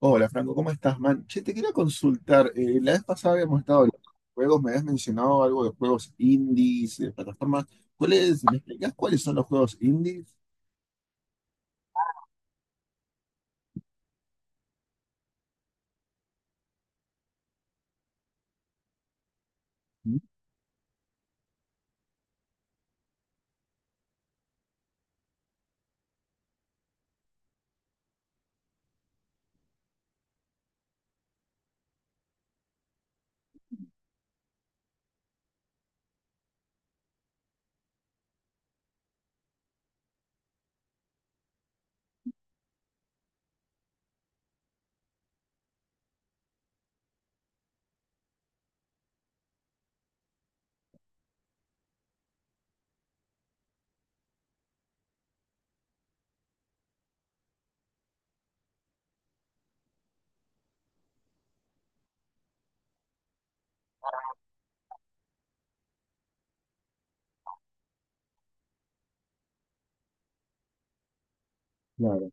Hola Franco, ¿cómo estás, man? Che, te quería consultar. La vez pasada habíamos estado hablando de juegos, me habías mencionado algo de juegos indies, de plataformas. ¿Cuáles, me explicás cuáles son los juegos indies? Mm. Claro,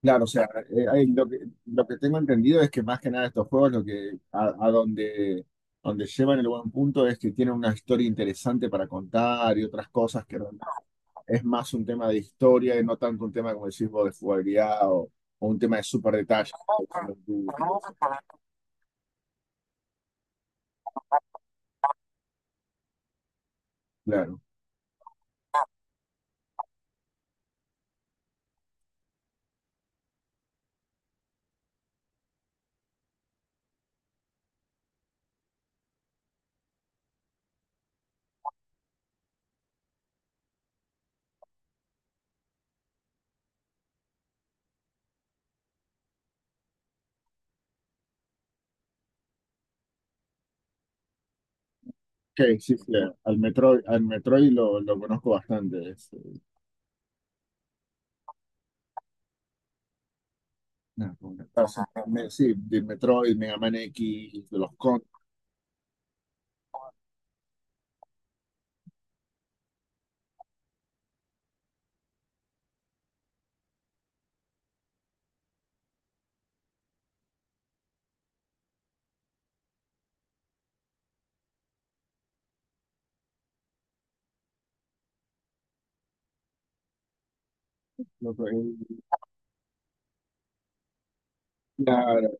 claro, o sea, lo que tengo entendido es que más que nada estos juegos, lo que a donde, donde llevan el buen punto es que tienen una historia interesante para contar y otras cosas que no- es más un tema de historia y no tanto un tema, como decís vos, de jugabilidad o un tema de super detalle. Claro. Ok, sí, sí, al Metroid lo conozco bastante. Nada, como que pasa, sí, de Metroid, Mega Man X, de los Con. lo que- la-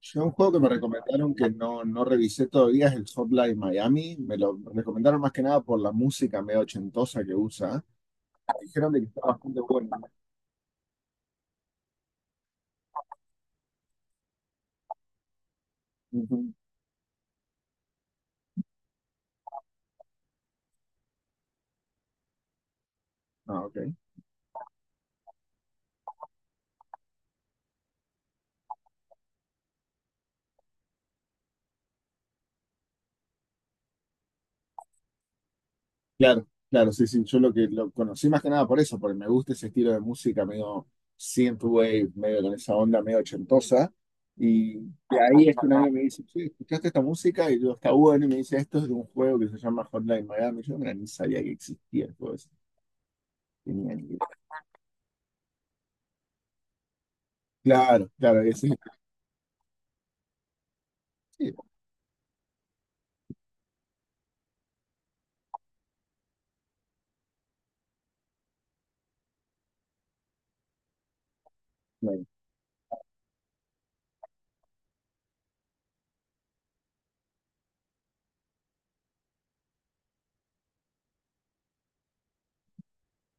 yo un juego que me recomendaron que no, no revisé todavía es el Hotline Miami. Me lo recomendaron más que nada por la música medio ochentosa que usa. Dijeron de que está bastante bueno, ¿no? Ujú. Ah, ok. Claro, claro, sí, sí, yo lo que lo conocí más que nada por eso, porque me gusta ese estilo de música medio synthwave, medio con esa onda medio ochentosa, y de ahí es que un amigo me dice, che, ¿escuchaste esta música? Y yo, está bueno, y me dice, esto es de un juego que se llama Hotline Miami, yo mira, ni sabía que existía el juego ese, tenía ni idea. Claro, claro, y sí, sí, bueno, claro.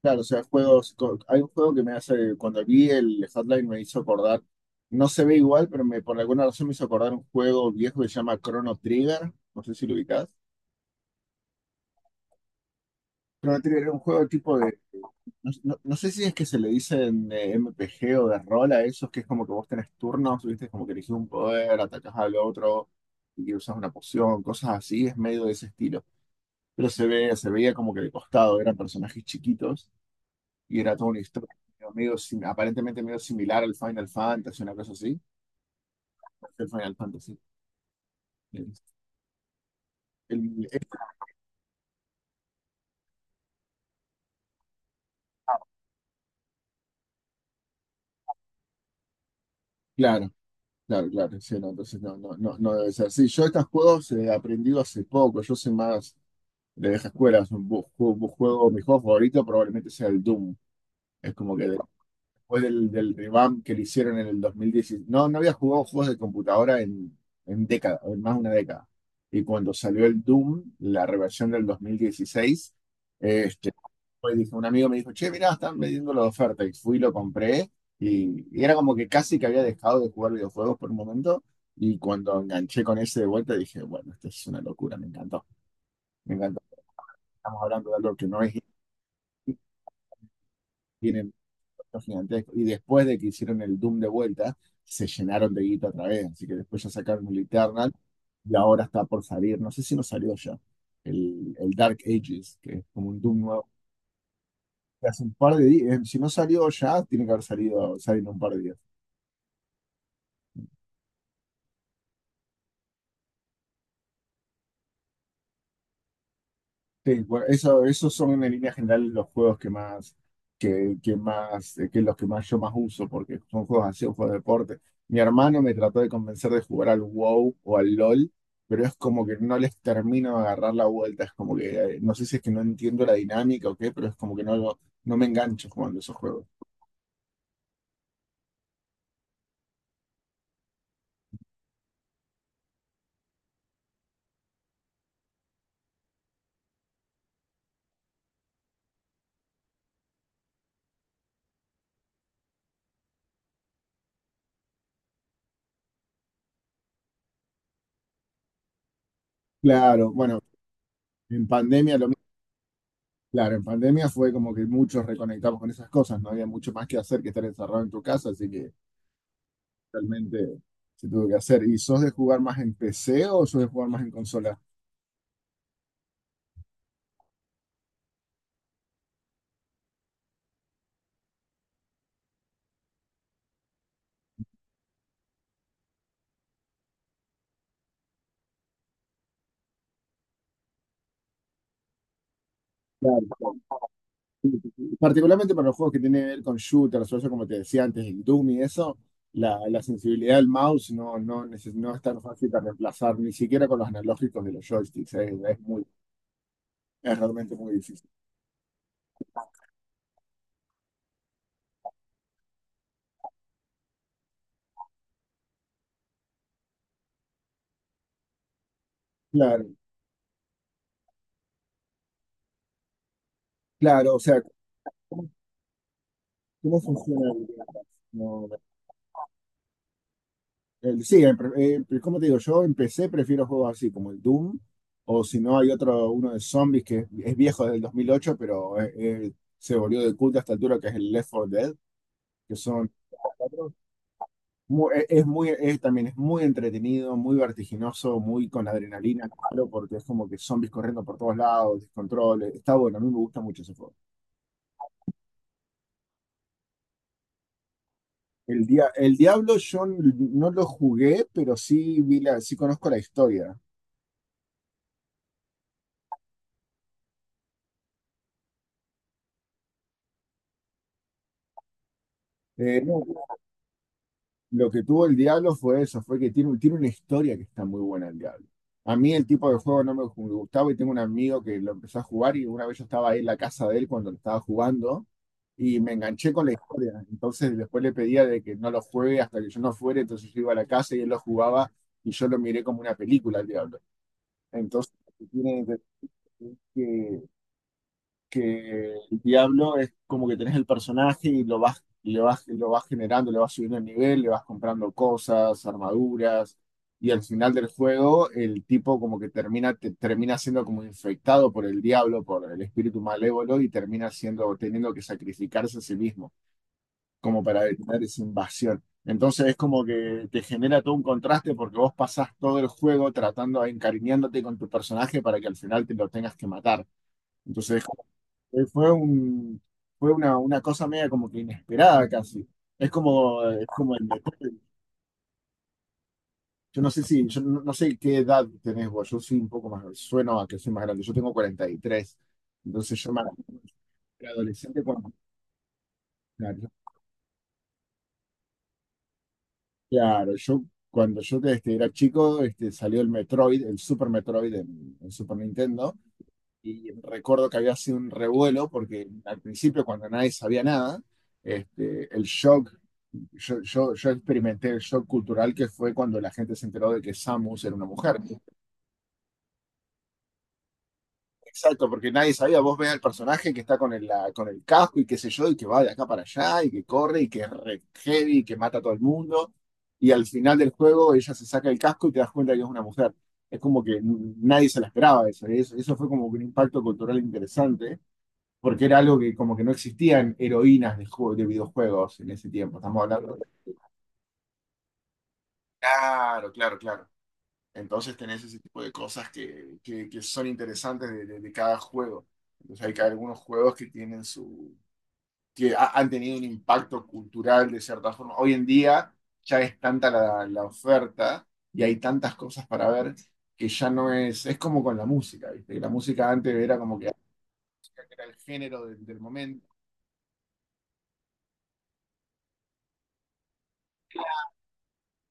Claro, o sea, juegos, hay un juego que me hace, cuando vi el Hotline me hizo acordar, no se ve igual, pero me, por alguna razón me hizo acordar un juego viejo que se llama Chrono Trigger, no sé si lo ubicás. Chrono Trigger era un juego tipo de. No, no sé si es que se le dicen M P G o de rol a esos, que es como que vos tenés turnos, viste, como que elegís un poder, atacás al otro y que usas una poción, cosas así, es medio de ese estilo. Pero se ve, se veía como que de costado, eran personajes chiquitos y era toda una historia medio, aparentemente medio similar al Final Fantasy, una cosa así. El Final Fantasy. El- el- el- claro. Claro, claro, sí, no, entonces no, no, no, no debe ser. Sí, yo estos juegos he aprendido hace poco, yo soy más, de vieja escuela. Es un juego, mi juego favorito probablemente sea el Doom. Es como que después del, del revamp que le hicieron en el 2016. No, no había jugado juegos de computadora en década, en más de una década. Y cuando salió el Doom, la reversión del 2016, este, pues dije, un amigo me dijo, che, mirá, están vendiendo la oferta. Y fui, lo compré. Y era como que casi que había dejado de jugar videojuegos por un momento. Y cuando enganché con ese de vuelta, dije, bueno, esto es una locura, me encantó. Me encantó. Estamos hablando de algo que no es tienen gigantesco. Y después de que hicieron el Doom de vuelta, se llenaron de guita otra vez. Así que después ya sacaron el Eternal y ahora está por salir. No sé si no salió ya. El Dark Ages, que es como un Doom nuevo. Que Hace un par de días. Si no salió ya, tiene que haber salido, salido en un par de días. Sí, bueno, eso, esos son en línea general los juegos que más, que los que más yo más uso, porque son juegos así, un juego de deporte. Mi hermano me trató de convencer de jugar al WoW o al LOL, pero es como que no les termino de agarrar la vuelta, es como que, no sé si es que no entiendo la dinámica o qué, pero es como que no, no me engancho jugando esos juegos. Claro, bueno, en pandemia claro, en pandemia fue como que muchos reconectamos con esas cosas, no había mucho más que hacer que estar encerrado en tu casa, así que realmente se tuvo que hacer. ¿Y sos de jugar más en PC o sos de jugar más en consola? Claro. Particularmente para los juegos que tienen que ver con shooters, o eso como te decía antes, el Doom y eso, la sensibilidad del mouse no, no, no es tan fácil de reemplazar, ni siquiera con los analógicos de los joysticks, Es, muy, es realmente muy difícil. Claro, claro, o sea, ¿cómo funciona? No. Eh, sí, eh, Como te digo, yo empecé, prefiero juegos así como el Doom, o si no, hay otro, uno de zombies que es viejo del 2008, pero se volvió de culto a esta altura, que es el Left 4 Dead, que son cuatro. Es muy, es, también es muy entretenido, muy vertiginoso, muy con adrenalina, claro, porque es como que zombies corriendo por todos lados, descontrol, está bueno, a mí me gusta mucho ese juego. El, el Diablo yo no lo jugué, pero sí, vi la, sí conozco la historia. No. Lo que tuvo el Diablo fue eso, fue que tiene, tiene una historia que está muy buena el Diablo. A mí el tipo de juego no me gustaba y tengo un amigo que lo empezó a jugar y una vez yo estaba ahí en la casa de él cuando lo estaba jugando y me enganché con la historia. Entonces después le pedía de que no lo juegue hasta que yo no fuera, entonces yo iba a la casa y él lo jugaba y yo lo miré como una película el Diablo. Entonces, lo que tiene de- es que el diablo es como que tenés el personaje y lo vas, le vas, lo vas generando, le vas subiendo el nivel, le vas comprando cosas, armaduras, y al final del juego el tipo como que termina, termina siendo como infectado por el diablo, por el espíritu malévolo, y termina siendo, teniendo que sacrificarse a sí mismo, como para detener esa invasión. Entonces es como que te genera todo un contraste porque vos pasás todo el juego tratando, encariñándote con tu personaje para que al final te lo tengas que matar. Entonces fue un, fue una cosa media como que inesperada casi. Es como el deporte. Yo no sé si, yo no, no sé qué edad tenés vos, yo soy un poco más, sueno a que soy más grande, yo tengo 43. Entonces yo me era adolescente cuando, claro, claro, yo cuando yo era chico, salió el Metroid, el Super Metroid en Super Nintendo, y recuerdo que había sido un revuelo porque al principio cuando nadie sabía nada, el shock yo experimenté el shock cultural que fue cuando la gente se enteró de que Samus era una mujer. Exacto, porque nadie sabía. Vos ves al personaje que está con el, con el casco y qué sé yo, y que va de acá para allá, y que corre, y que es re heavy, y que mata a todo el mundo. Y al final del juego ella se saca el casco y te das cuenta que es una mujer. Es como que nadie se la esperaba eso. Eso, eso fue como un impacto cultural interesante, porque era algo que como que no existían heroínas de, de videojuegos en ese tiempo. Estamos hablando. Claro, claro, claro. Entonces tenés ese tipo de cosas que son interesantes de, de cada juego. Entonces algunos juegos que tienen su, han tenido un impacto cultural de cierta forma. Hoy en día ya es tanta la, la oferta y hay tantas cosas para ver que ya no es, es como con la música, ¿viste? Que la música antes era como que era el género del, del momento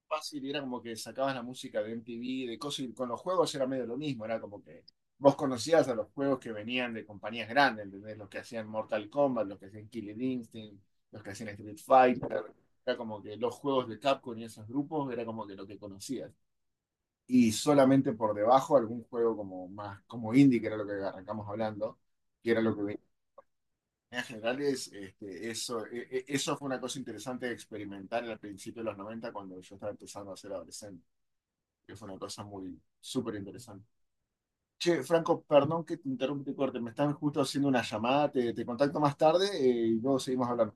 fácil y era como que sacabas la música de MTV, de cosas, y con los juegos era medio lo mismo, era como que vos conocías a los juegos que venían de compañías grandes, ¿entendés? Los que hacían Mortal Kombat, los que hacían Killer Instinct, los que hacían Street Fighter, era como que los juegos de Capcom y esos grupos era como que lo que conocías. Y solamente por debajo algún juego como más, como indie, que era lo que arrancamos hablando, que era lo que venía. En general es, eso, eso fue una cosa interesante de experimentar al principio de los 90 cuando yo estaba empezando a ser adolescente que fue una cosa muy súper interesante. Che, Franco, perdón que te interrumpa y te corte, me están justo haciendo una llamada, te contacto más tarde y luego seguimos hablando.